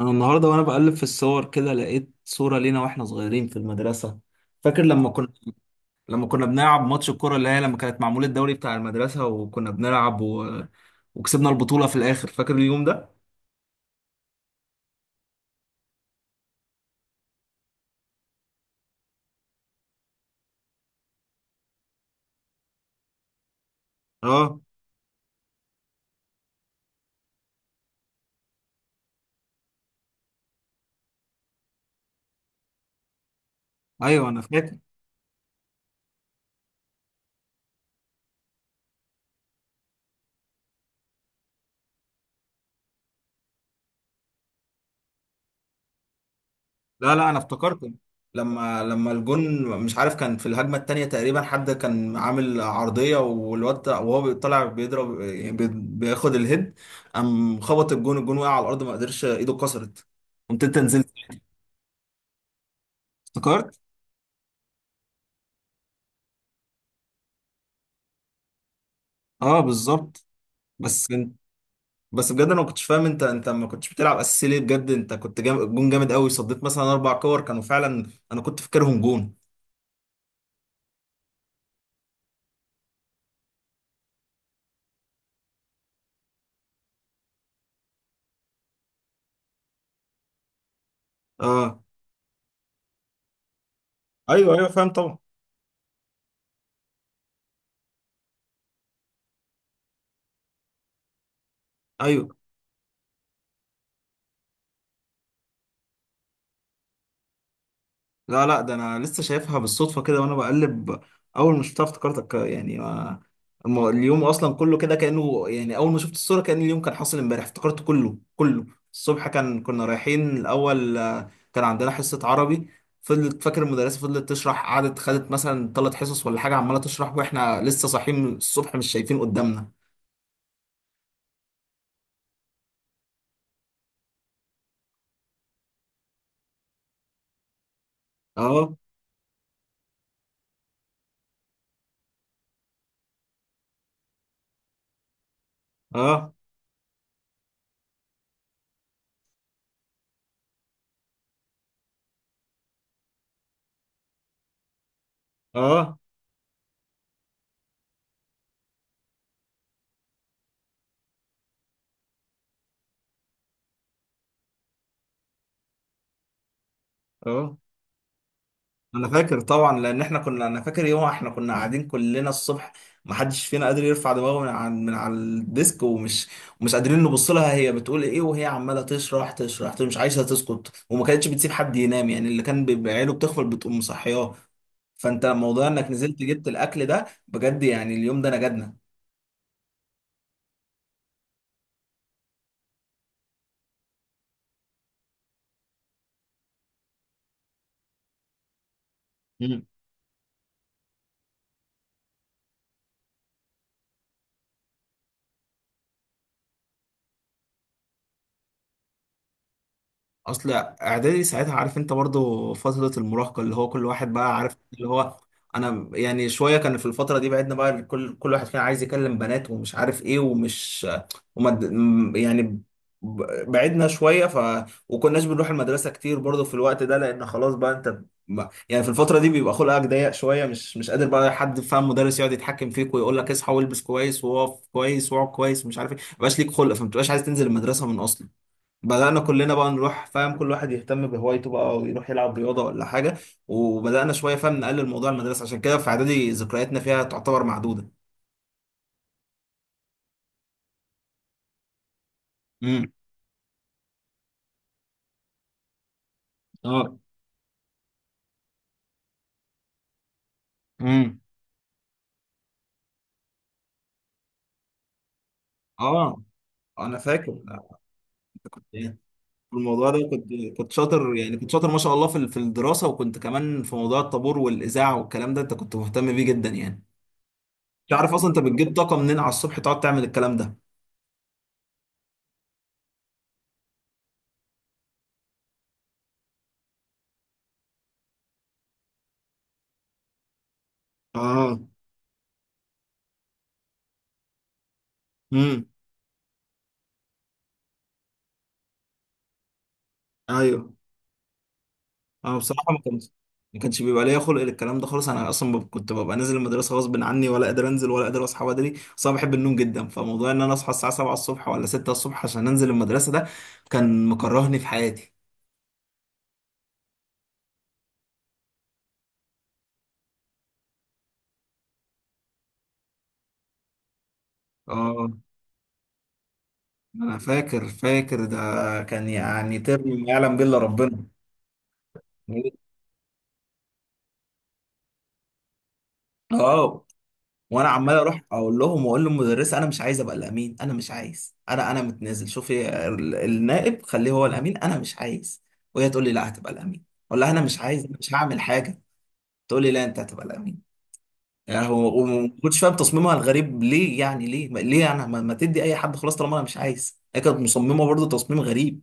انا النهارده وانا بقلب في الصور كده لقيت صورة لينا واحنا صغيرين في المدرسة. فاكر لما كنا بنلعب ماتش الكرة اللي هي لما كانت معمول الدوري بتاع المدرسة وكنا بنلعب وكسبنا البطولة في الآخر. فاكر اليوم ده؟ اه. ايوه انا فاكر. لا لا، انا افتكرت لما الجون، مش عارف كان في الهجمة التانية تقريبا، حد كان عامل عرضية والواد وهو طالع بيضرب يعني بياخد الهيد، قام خبط الجون وقع على الأرض، ما قدرش، ايده اتكسرت. قمت انت نزلت. افتكرت. اه بالظبط. بس انت بس بجد انا ما كنتش فاهم انت ما كنتش بتلعب اساسي ليه بجد؟ انت كنت جون جامد قوي، صديت مثلا اربع كور كانوا فعلا انا كنت فاكرهم جون. اه. ايوه ايوه فاهم طبعا. ايوه. لا لا، ده انا لسه شايفها بالصدفه كده وانا بقلب، اول ما شفتها افتكرتك يعني. ما اليوم اصلا كله كده كانه يعني، اول ما شفت الصوره كان اليوم كان حاصل امبارح، افتكرت كله كله. الصبح كان كنا رايحين الاول، كان عندنا حصه عربي. فضلت فاكر المدرسه فضلت تشرح، قعدت خدت مثلا ثلاث حصص ولا حاجه عماله تشرح واحنا لسه صاحيين الصبح، مش شايفين قدامنا. اه. اه. اه. اه. انا فاكر طبعا، لان احنا كنا، انا فاكر يوم احنا كنا قاعدين كلنا الصبح ما حدش فينا قادر يرفع دماغه من على الديسك، ومش قادرين نبص لها هي بتقول ايه، وهي عماله تشرح تشرح مش عايزه تسكت، وما كانتش بتسيب حد ينام يعني، اللي كان بيبقى عينه بتغفل بتقوم مصحياه. فانت موضوع انك نزلت جبت الاكل ده بجد، يعني اليوم ده نجدنا. اصل اعدادي ساعتها، عارف انت برضو فترة المراهقة، اللي هو كل واحد بقى عارف اللي هو، انا يعني شوية كان في الفترة دي بعدنا بقى، كل واحد فينا عايز يكلم بنات ومش عارف ايه، ومش وما يعني بعدنا شوية، ف وكناش بنروح المدرسة كتير برضو في الوقت ده، لان خلاص بقى انت يعني في الفترة دي بيبقى خلقك ضيق شوية، مش قادر بقى حد فاهم مدرس يقعد يتحكم فيك ويقول لك اصحى والبس كويس، وقف كويس، واقعد كويس، ومش عارف ايه. ما بقاش ليك خلق، فما بتبقاش عايز تنزل المدرسة من اصلا. بدأنا كلنا بقى نروح فاهم كل واحد يهتم بهوايته بقى، ويروح يلعب رياضة ولا حاجة، وبدأنا شوية فاهم نقلل موضوع المدرسة، عشان كده في إعدادي ذكرياتنا فيها تعتبر معدودة. امم. اه. امم. اه. انا فاكر. انت كنت ايه في الموضوع ده، كنت شاطر يعني، كنت شاطر ما شاء الله في في الدراسه، وكنت كمان في موضوع الطابور والاذاعه والكلام ده انت كنت مهتم بيه جدا يعني. مش عارف اصلا انت بتجيب طاقه منين على الصبح تقعد تعمل الكلام ده. اه. امم. ايوه. انا بصراحه ما كانش بيبقى ليا خلق للكلام ده خالص. انا اصلا كنت ببقى نازل المدرسه غصب عني، ولا قادر انزل ولا قادر اصحى بدري، بس انا بحب النوم جدا، فموضوع ان انا اصحى الساعه 7 الصبح ولا 6 الصبح عشان انزل المدرسه ده، كان مكرهني في حياتي. اه. انا فاكر ده، كان يعني ترم ما يعلم به الا ربنا. اه. وانا عمال اروح اقول لهم واقول للمدرسه انا مش عايز ابقى الامين، انا مش عايز، انا متنازل، شوفي النائب خليه هو الامين، انا مش عايز. وهي تقول لي لا هتبقى الامين. اقول لها انا مش عايز، أنا مش هعمل حاجه. تقول لي لا انت هتبقى الامين. يعني هو وما كنتش فاهم تصميمها الغريب ليه، يعني ليه ليه انا ما تدي اي حد خلاص طالما انا مش عايز؟ هي كانت مصممه برضه تصميم غريب.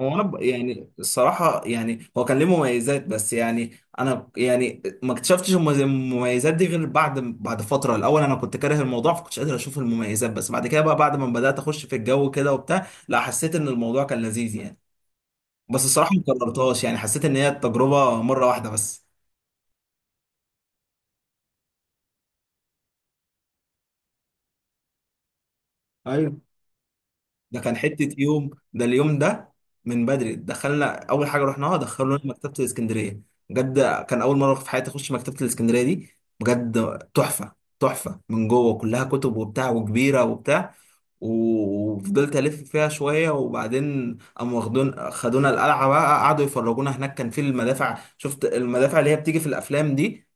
هو انا يعني الصراحه يعني، هو كان ليه مميزات بس يعني، انا يعني ما اكتشفتش المميزات دي غير بعد فتره. الاول انا كنت كاره الموضوع فكنتش قادر اشوف المميزات، بس بعد كده بقى، بعد ما بدات اخش في الجو كده وبتاع، لا حسيت ان الموضوع كان لذيذ يعني. بس الصراحه ما كررتهاش، يعني حسيت ان هي التجربه مره واحده بس. ايوه. ده كان حتة يوم ده، اليوم ده من بدري دخلنا، أول حاجة رحناها دخلونا مكتبة الإسكندرية. بجد كان أول مرة في حياتي أخش مكتبة الإسكندرية دي. بجد تحفة، تحفة من جوه، كلها كتب وبتاع وكبيرة وبتاع، وفضلت ألف فيها شوية، وبعدين قاموا خدونا القلعة بقى، قعدوا يفرجونا هناك. كان في المدافع، شفت المدافع اللي هي بتيجي في الأفلام دي،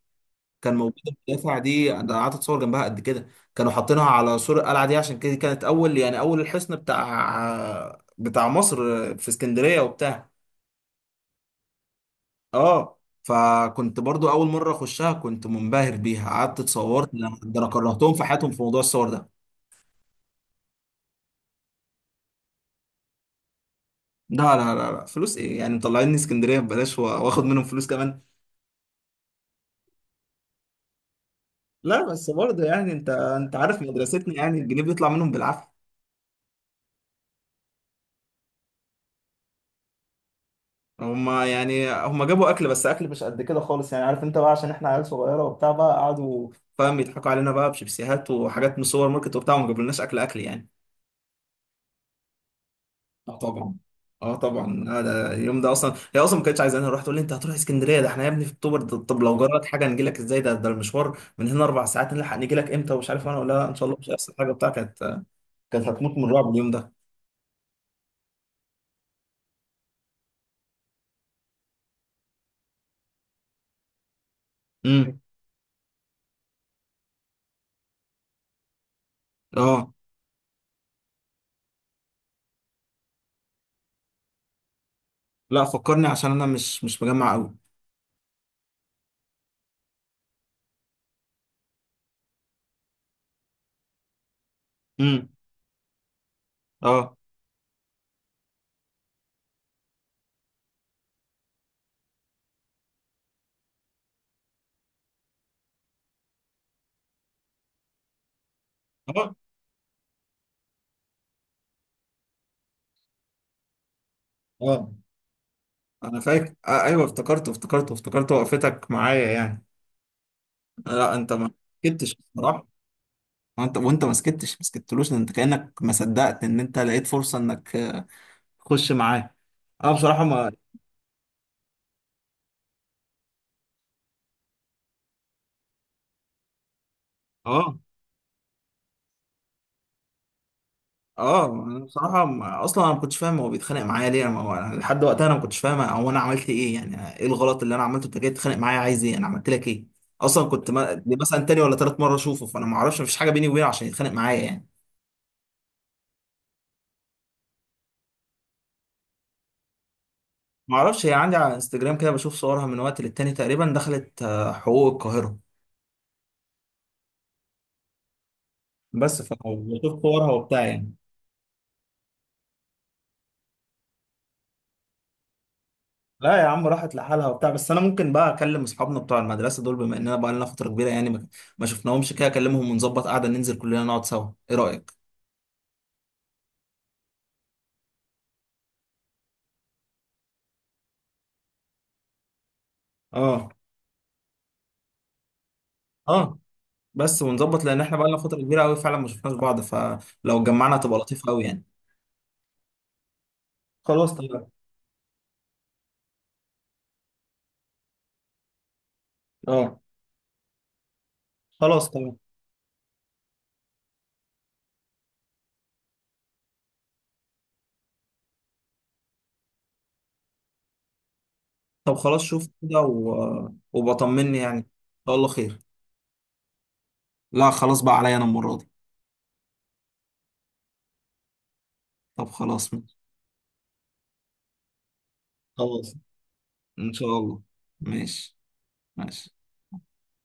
كان موجود. المدافع دي انا قعدت اتصور جنبها قد كده، كانوا حاطينها على سور القلعه دي، عشان كده كانت اول يعني اول الحصن بتاع مصر في اسكندريه وبتاع. اه. فكنت برضو اول مره اخشها، كنت منبهر بيها، قعدت اتصورت، ده انا كرهتهم في حياتهم في موضوع الصور ده. لا لا لا لا، فلوس ايه يعني، مطلعيني اسكندريه ببلاش واخد منهم فلوس كمان؟ لا بس برضه يعني، انت عارف مدرستنا يعني، الجنيه بيطلع منهم بالعافيه. هما يعني هما جابوا اكل، بس اكل مش قد كده خالص يعني، عارف انت بقى، عشان احنا عيال صغيره وبتاع بقى قعدوا فاهم يضحكوا علينا بقى بشيبسيهات وحاجات من سوبر ماركت وبتاع، وما جابولناش اكل اكل يعني. اه طبعا. اه طبعا. لا ده اليوم ده اصلا هي اصلا ما كانتش عايزاني اروح، تقول لي انت هتروح اسكندريه، ده احنا يا ابني في اكتوبر طب لو جرت حاجه نجي لك ازاي؟ ده المشوار من هنا اربع ساعات، نلحق نجي لك امتى ومش عارف. انا ولا لا ان شاء الله مش هيحصل حاجه بتاع، كانت هتموت من الرعب اليوم ده. امم. اه. لا فكرني عشان انا مش مجمع قوي. امم. اه. اه. اه. انا فاكر آه ايوه، افتكرته افتكرته افتكرته، وقفتك معايا يعني. لا انت ما سكتش بصراحه. وانت ما سكتش ما سكتلوش، ده انت كانك ما صدقت ان انت لقيت فرصه انك تخش معاه. انا بصراحه ما. اه. اه. انا بصراحه ما... اصلا انا ما كنتش فاهم هو بيتخانق معايا ليه، انا ما... هو أنا لحد وقتها انا ما كنتش فاهم هو انا عملت ايه، يعني ايه الغلط اللي انا عملته انت جاي تتخانق معايا، عايز ايه، انا عملت لك ايه؟ اصلا كنت ما... دي مثلا تاني ولا تالت مره اشوفه، فانا ما اعرفش، مفيش حاجه بيني وبينه عشان يتخانق معايا يعني. ما اعرفش، هي عندي على انستجرام كده بشوف صورها من وقت للتاني، تقريبا دخلت حقوق القاهرة. بس فبشوف صورها وبتاع يعني. لا يا عم راحت لحالها وبتاع، بس انا ممكن بقى اكلم اصحابنا بتوع المدرسة دول، بما اننا بقى لنا فترة كبيرة يعني ما شفناهمش كده، اكلمهم ونظبط قعدة ننزل كلنا نقعد سوا، ايه رأيك؟ اه. اه بس ونظبط، لان احنا بقى لنا فترة كبيرة قوي فعلا ما شفناش بعض، فلو اتجمعنا تبقى لطيفة قوي يعني. خلاص تمام. اه خلاص تمام. طب خلاص شوف كده وبطمني يعني ان شاء الله خير. لا خلاص بقى عليا انا المرة دي. طب خلاص. خلاص إن شاء الله. ماشي. ماشي.